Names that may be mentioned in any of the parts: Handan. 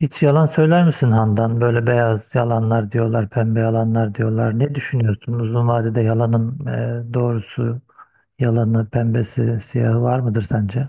Hiç yalan söyler misin Handan? Böyle beyaz yalanlar diyorlar, pembe yalanlar diyorlar. Ne düşünüyorsun? Uzun vadede yalanın doğrusu, yalanı, pembesi, siyahı var mıdır sence?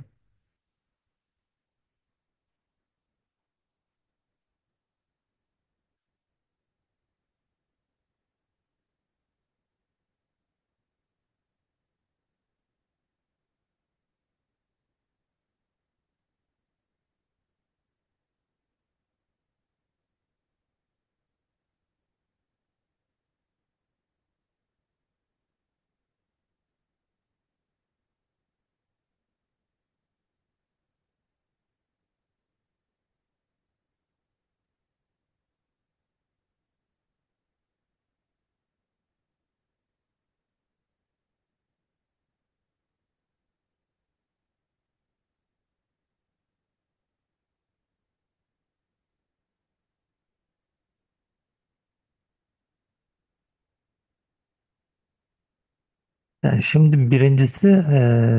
Yani şimdi birincisi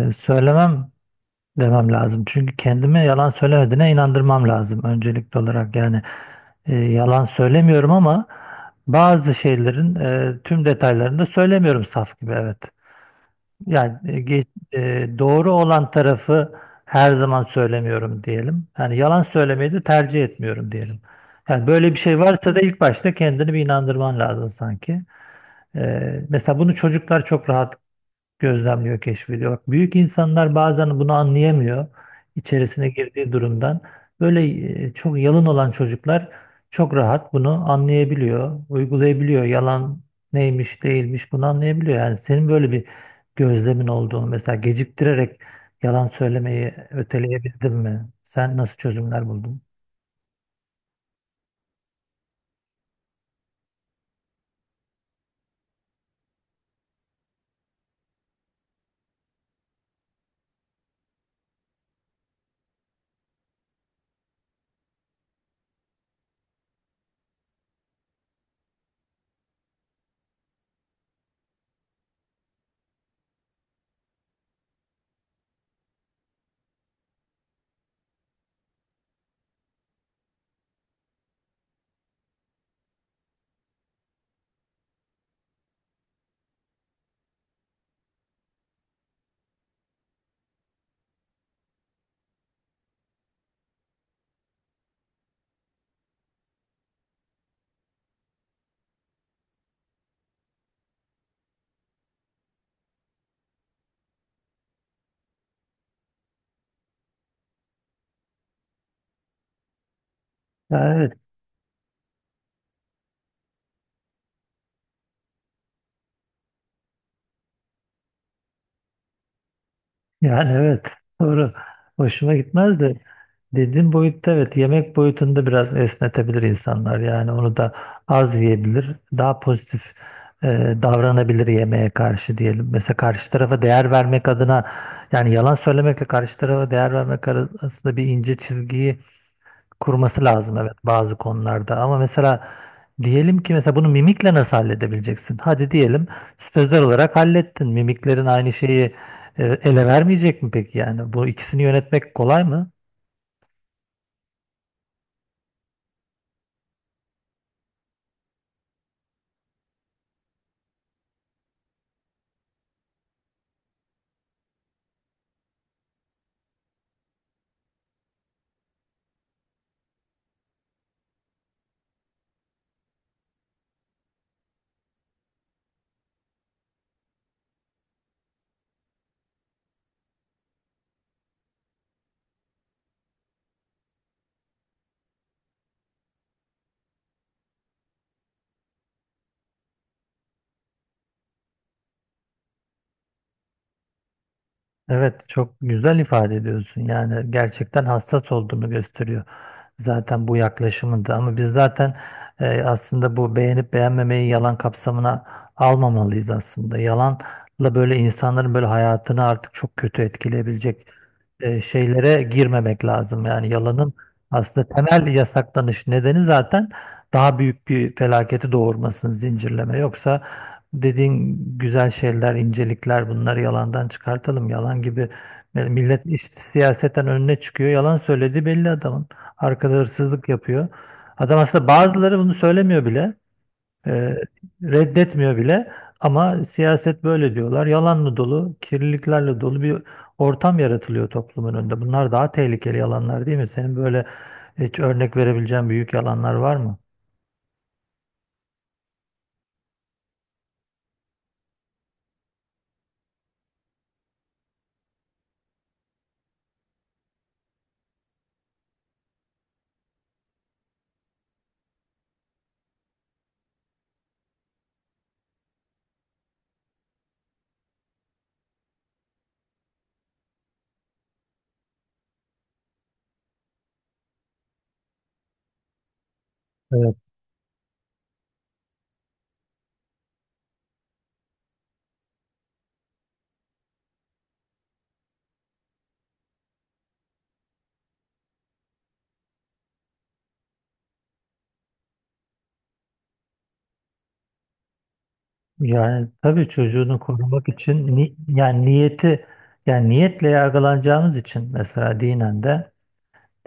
söylemem demem lazım. Çünkü kendime yalan söylemediğine inandırmam lazım öncelikli olarak. Yani yalan söylemiyorum ama bazı şeylerin tüm detaylarını da söylemiyorum saf gibi evet. Yani e, ge- doğru olan tarafı her zaman söylemiyorum diyelim. Yani yalan söylemeyi de tercih etmiyorum diyelim. Yani böyle bir şey varsa da ilk başta kendini bir inandırman lazım sanki. Mesela bunu çocuklar çok rahat gözlemliyor, keşfediyor. Bak, büyük insanlar bazen bunu anlayamıyor içerisine girdiği durumdan. Böyle çok yalın olan çocuklar çok rahat bunu anlayabiliyor, uygulayabiliyor. Yalan neymiş, değilmiş bunu anlayabiliyor. Yani senin böyle bir gözlemin olduğunu mesela geciktirerek yalan söylemeyi öteleyebildin mi? Sen nasıl çözümler buldun? Ya, evet. Yani evet, doğru. Hoşuma gitmez de dediğin boyutta, evet, yemek boyutunda biraz esnetebilir insanlar. Yani onu da az yiyebilir. Daha pozitif e, davranabilir yemeğe karşı diyelim. Mesela karşı tarafa değer vermek adına, yani yalan söylemekle karşı tarafa değer vermek arasında bir ince çizgiyi kurması lazım, evet, bazı konularda ama mesela diyelim ki mesela bunu mimikle nasıl halledebileceksin? Hadi diyelim sözler olarak hallettin. Mimiklerin aynı şeyi ele vermeyecek mi peki yani? Bu ikisini yönetmek kolay mı? Evet, çok güzel ifade ediyorsun, yani gerçekten hassas olduğunu gösteriyor zaten bu yaklaşımında. Ama biz zaten aslında bu beğenip beğenmemeyi yalan kapsamına almamalıyız aslında. Yalanla böyle insanların böyle hayatını artık çok kötü etkileyebilecek şeylere girmemek lazım. Yani yalanın aslında temel yasaklanış nedeni zaten daha büyük bir felaketi doğurmasın zincirleme. Yoksa dediğin güzel şeyler, incelikler, bunları yalandan çıkartalım. Yalan gibi, yani millet işte siyasetten önüne çıkıyor. Yalan söylediği belli adamın. Arkada hırsızlık yapıyor. Adam aslında, bazıları bunu söylemiyor bile. e, Reddetmiyor bile. Ama siyaset böyle diyorlar. Yalanla dolu, kirliliklerle dolu bir ortam yaratılıyor toplumun önünde. Bunlar daha tehlikeli yalanlar değil mi? Senin böyle hiç örnek verebileceğin büyük yalanlar var mı? Evet. Yani tabii çocuğunu korumak için yani niyeti, yani niyetle yargılanacağımız için mesela dinen de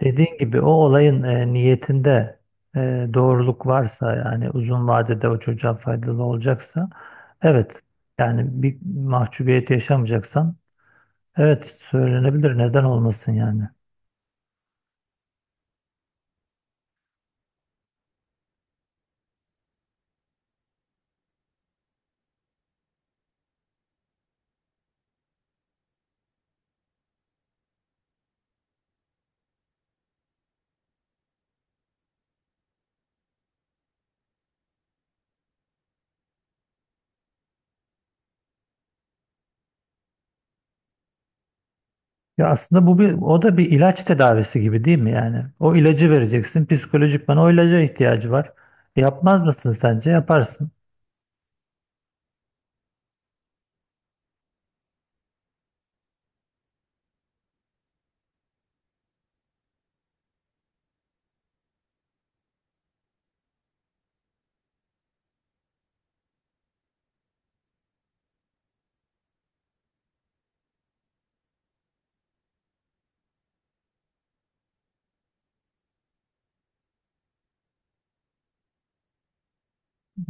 dediğin gibi o olayın niyetinde doğruluk varsa, yani uzun vadede o çocuğa faydalı olacaksa, evet, yani bir mahcubiyet yaşamayacaksan evet, söylenebilir. Neden olmasın yani? Ya aslında bu bir, o da bir ilaç tedavisi gibi değil mi yani? O ilacı vereceksin. Psikolojikman o ilaca ihtiyacı var. Yapmaz mısın sence? Yaparsın.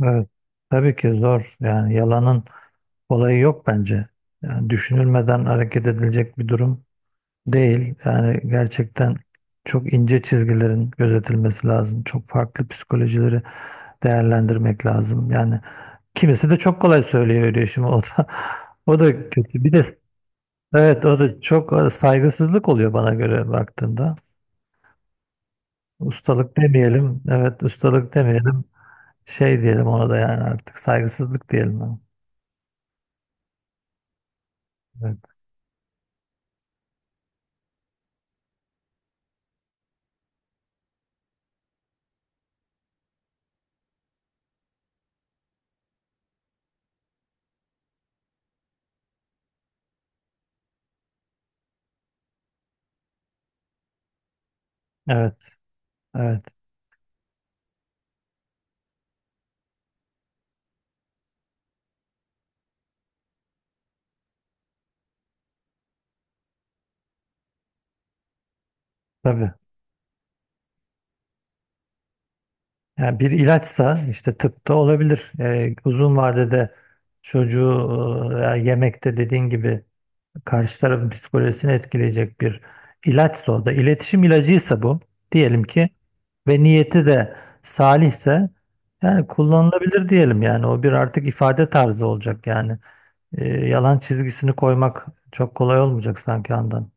Evet. Tabii ki zor. Yani yalanın olayı yok bence. Yani düşünülmeden hareket edilecek bir durum değil. Yani gerçekten çok ince çizgilerin gözetilmesi lazım. Çok farklı psikolojileri değerlendirmek lazım. Yani kimisi de çok kolay söylüyor diyor şimdi, o da o da kötü. Bir de evet o da çok saygısızlık oluyor bana göre baktığında. Ustalık demeyelim. Evet, ustalık demeyelim. Şey diyelim ona da, yani artık saygısızlık diyelim. Evet. Evet. Evet. Tabii. Yani bir ilaçsa, işte tıpta olabilir. Uzun vadede çocuğu veya yemekte dediğin gibi karşı tarafın psikolojisini etkileyecek bir ilaçsa, o da iletişim ilacıysa bu, diyelim ki, ve niyeti de salihse, yani kullanılabilir diyelim, yani o bir artık ifade tarzı olacak yani. Yalan çizgisini koymak çok kolay olmayacak sanki andan.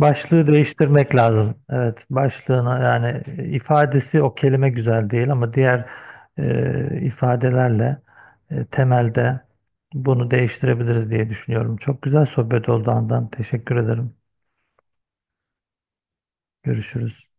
Başlığı değiştirmek lazım. Evet, başlığına, yani ifadesi o kelime güzel değil ama diğer ifadelerle temelde bunu değiştirebiliriz diye düşünüyorum. Çok güzel sohbet oldu Handan. Teşekkür ederim. Görüşürüz.